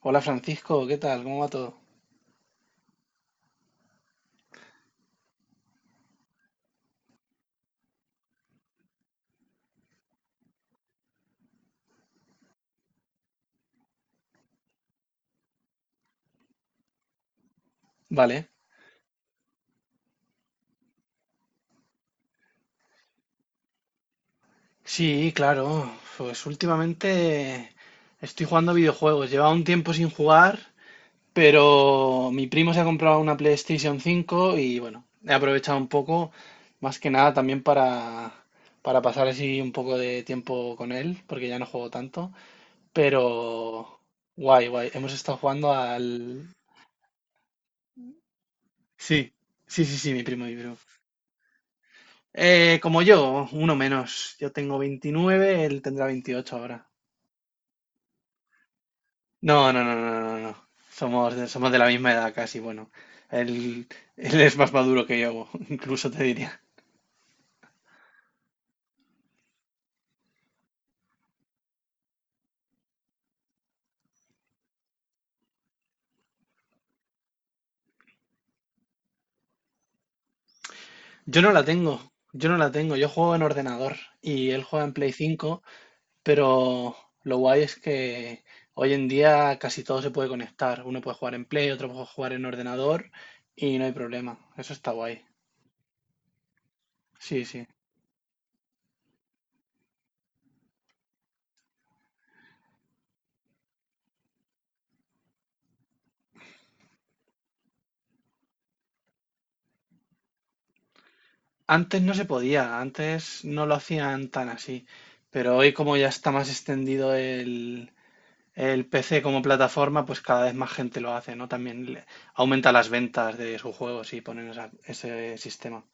Hola Francisco, ¿qué tal? ¿Cómo va todo? Vale. Sí, claro. Pues últimamente estoy jugando a videojuegos. Llevaba un tiempo sin jugar, pero mi primo se ha comprado una PlayStation 5 y bueno, he aprovechado un poco, más que nada también para pasar así un poco de tiempo con él, porque ya no juego tanto. Pero guay, guay. Hemos estado jugando al. Sí, sí, sí, sí, mi primo, mi primo. Como yo, uno menos. Yo tengo 29, él tendrá 28 ahora. No, no, no, no, no, no. Somos de la misma edad casi, bueno. Él, él es más maduro que yo, incluso te diría. Yo no la tengo, yo no la tengo. Yo juego en ordenador y él juega en Play 5. Pero lo guay es que hoy en día casi todo se puede conectar. Uno puede jugar en Play, otro puede jugar en ordenador y no hay problema. Eso está guay. Sí, sí. Antes no se podía, antes no lo hacían tan así, pero hoy como ya está más extendido el PC como plataforma, pues cada vez más gente lo hace, ¿no? También aumenta las ventas de sus juegos y ponen ese sistema.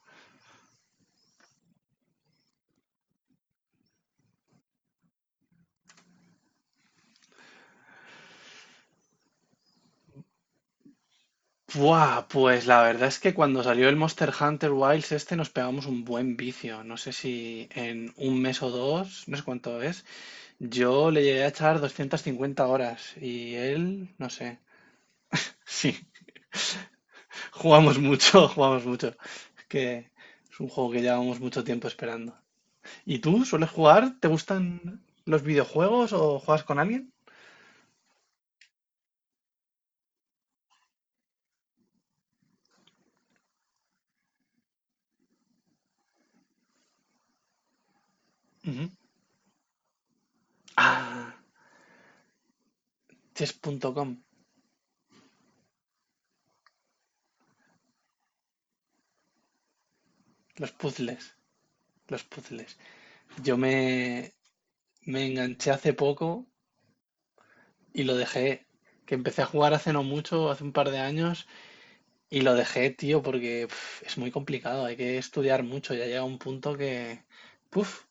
Buah, pues la verdad es que cuando salió el Monster Hunter Wilds este nos pegamos un buen vicio. No sé si en un mes o dos, no sé cuánto es, yo le llegué a echar 250 horas y él, no sé. Sí, jugamos mucho, jugamos mucho. Es que es un juego que llevamos mucho tiempo esperando. ¿Y tú sueles jugar? ¿Te gustan los videojuegos o juegas con alguien? Ujú. Ah, chess.com, los puzzles, los puzzles. Yo me enganché hace poco y lo dejé, que empecé a jugar hace no mucho, hace un par de años, y lo dejé, tío, porque es muy complicado, hay que estudiar mucho, ya llega un punto que. Puf.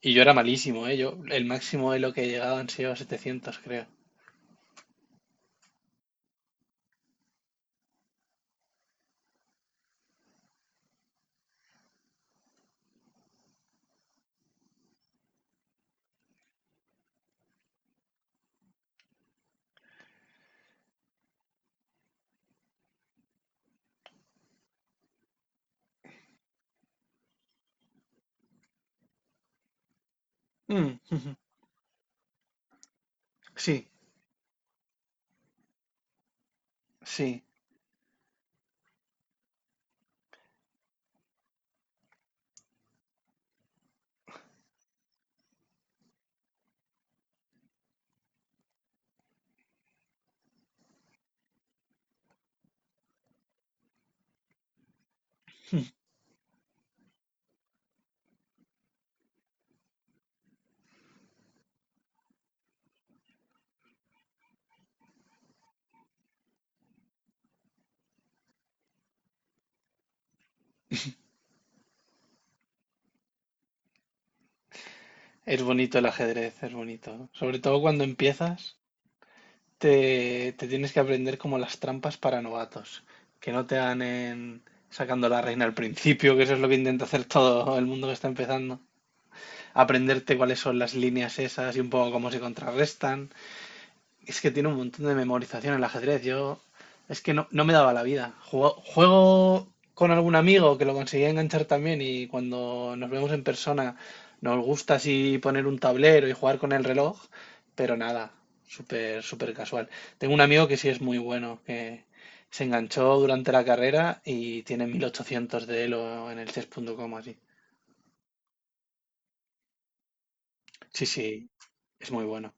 Y yo era malísimo, ¿eh? Yo, el máximo de lo que he llegado han sido 700, creo. Mm, ujú. Sí, sí, es bonito el ajedrez, es bonito. Sobre todo cuando empiezas, te tienes que aprender como las trampas para novatos, que no te dan en sacando la reina al principio, que eso es lo que intenta hacer todo el mundo que está empezando. Aprenderte cuáles son las líneas esas y un poco cómo se contrarrestan. Es que tiene un montón de memorización el ajedrez. Yo es que no me daba la vida. Juego con algún amigo que lo conseguía enganchar también y cuando nos vemos en persona nos gusta así poner un tablero y jugar con el reloj, pero nada, súper, súper casual. Tengo un amigo que sí es muy bueno, que se enganchó durante la carrera y tiene 1800 de Elo en el chess punto com así. Sí, sí, es muy bueno.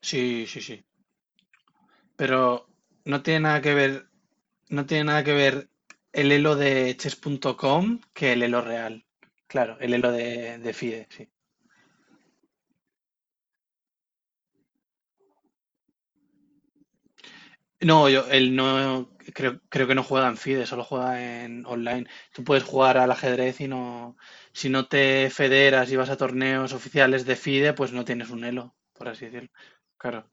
Sí, sí, sí. Pero no tiene nada que ver. No tiene nada que ver el elo de chess.com que el elo real. Claro, el elo de FIDE, sí. No, yo, él no, creo que no juega en FIDE, solo juega en online. Tú puedes jugar al ajedrez y no, si no te federas y vas a torneos oficiales de FIDE, pues no tienes un elo, por así decirlo. Claro,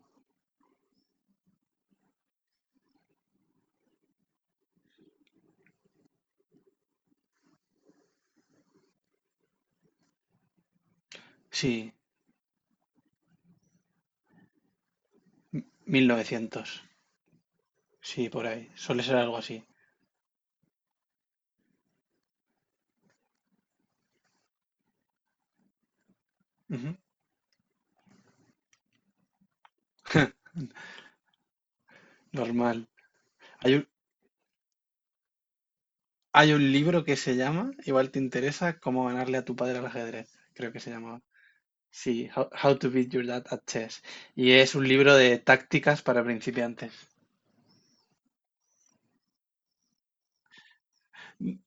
sí, 1900, sí, por ahí, suele ser algo así. Ujú. Normal. Hay, Hay un libro que se llama, igual te interesa, Cómo ganarle a tu padre al ajedrez, creo que se llamaba. Sí, How to Beat Your Dad at Chess. Y es un libro de tácticas para principiantes. N-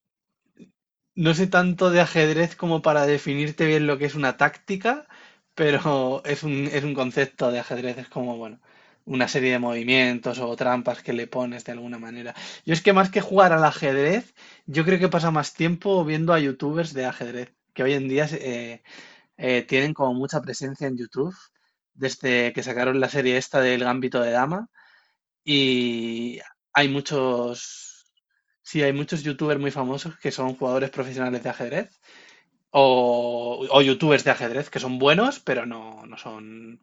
No sé tanto de ajedrez como para definirte bien lo que es una táctica, pero es un concepto de ajedrez, es como, bueno, una serie de movimientos o trampas que le pones de alguna manera. Yo es que más que jugar al ajedrez, yo creo que pasa más tiempo viendo a youtubers de ajedrez, que hoy en día eh, tienen como mucha presencia en YouTube desde que sacaron la serie esta del Gambito de Dama y hay muchos, sí, hay muchos youtubers muy famosos que son jugadores profesionales de ajedrez o youtubers de ajedrez que son buenos pero no son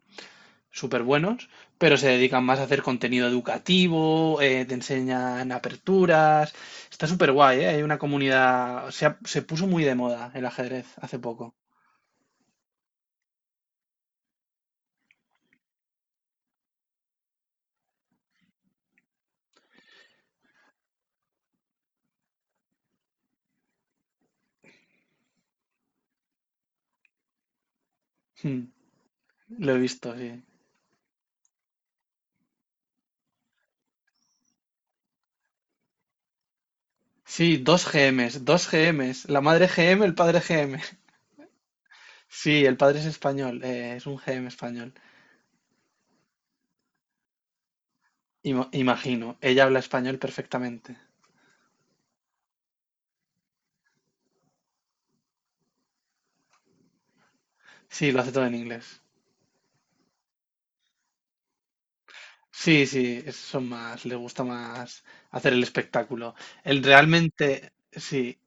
súper buenos, pero se dedican más a hacer contenido educativo, te enseñan aperturas, está súper guay, ¿eh? Hay una comunidad, se puso muy de moda el ajedrez hace poco. Mm, lo he visto, sí. Sí, dos GMs, dos GMs. La madre GM, el padre GM. Sí, el padre es español, es un GM español. Imagino, ella habla español perfectamente. Sí, lo hace todo en inglés. Sí, sí, son más, le gusta más hacer el espectáculo. El realmente, sí,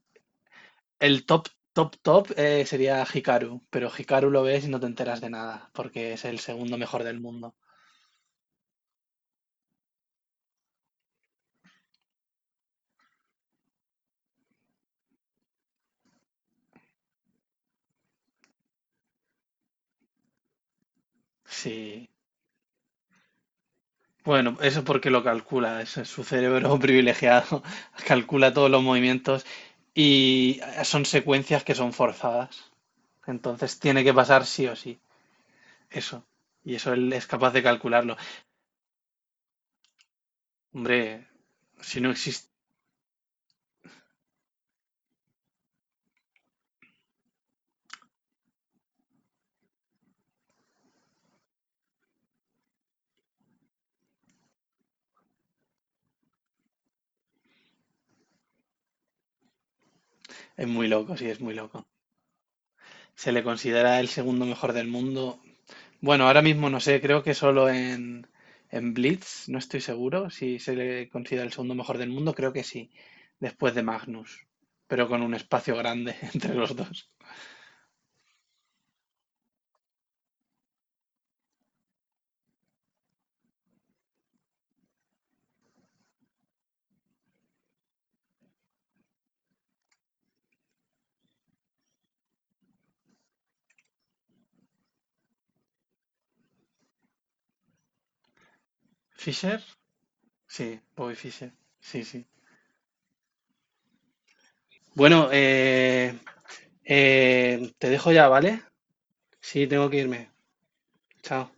el top, top, top sería Hikaru, pero Hikaru lo ves y no te enteras de nada, porque es el segundo mejor del mundo. Sí, bueno, eso porque lo calcula, es su cerebro privilegiado calcula todos los movimientos y son secuencias que son forzadas. Entonces tiene que pasar sí o sí, eso. Y eso él es capaz de calcularlo. Hombre, si no existe, es muy loco, sí, es muy loco. Se le considera el segundo mejor del mundo. Bueno, ahora mismo no sé, creo que solo en, Blitz, no estoy seguro si se le considera el segundo mejor del mundo, creo que sí, después de Magnus, pero con un espacio grande entre los dos. ¿Fisher? Sí, Bobby Fischer, sí, sí. Bueno, te dejo ya, ¿vale? Sí, tengo que irme. Chao.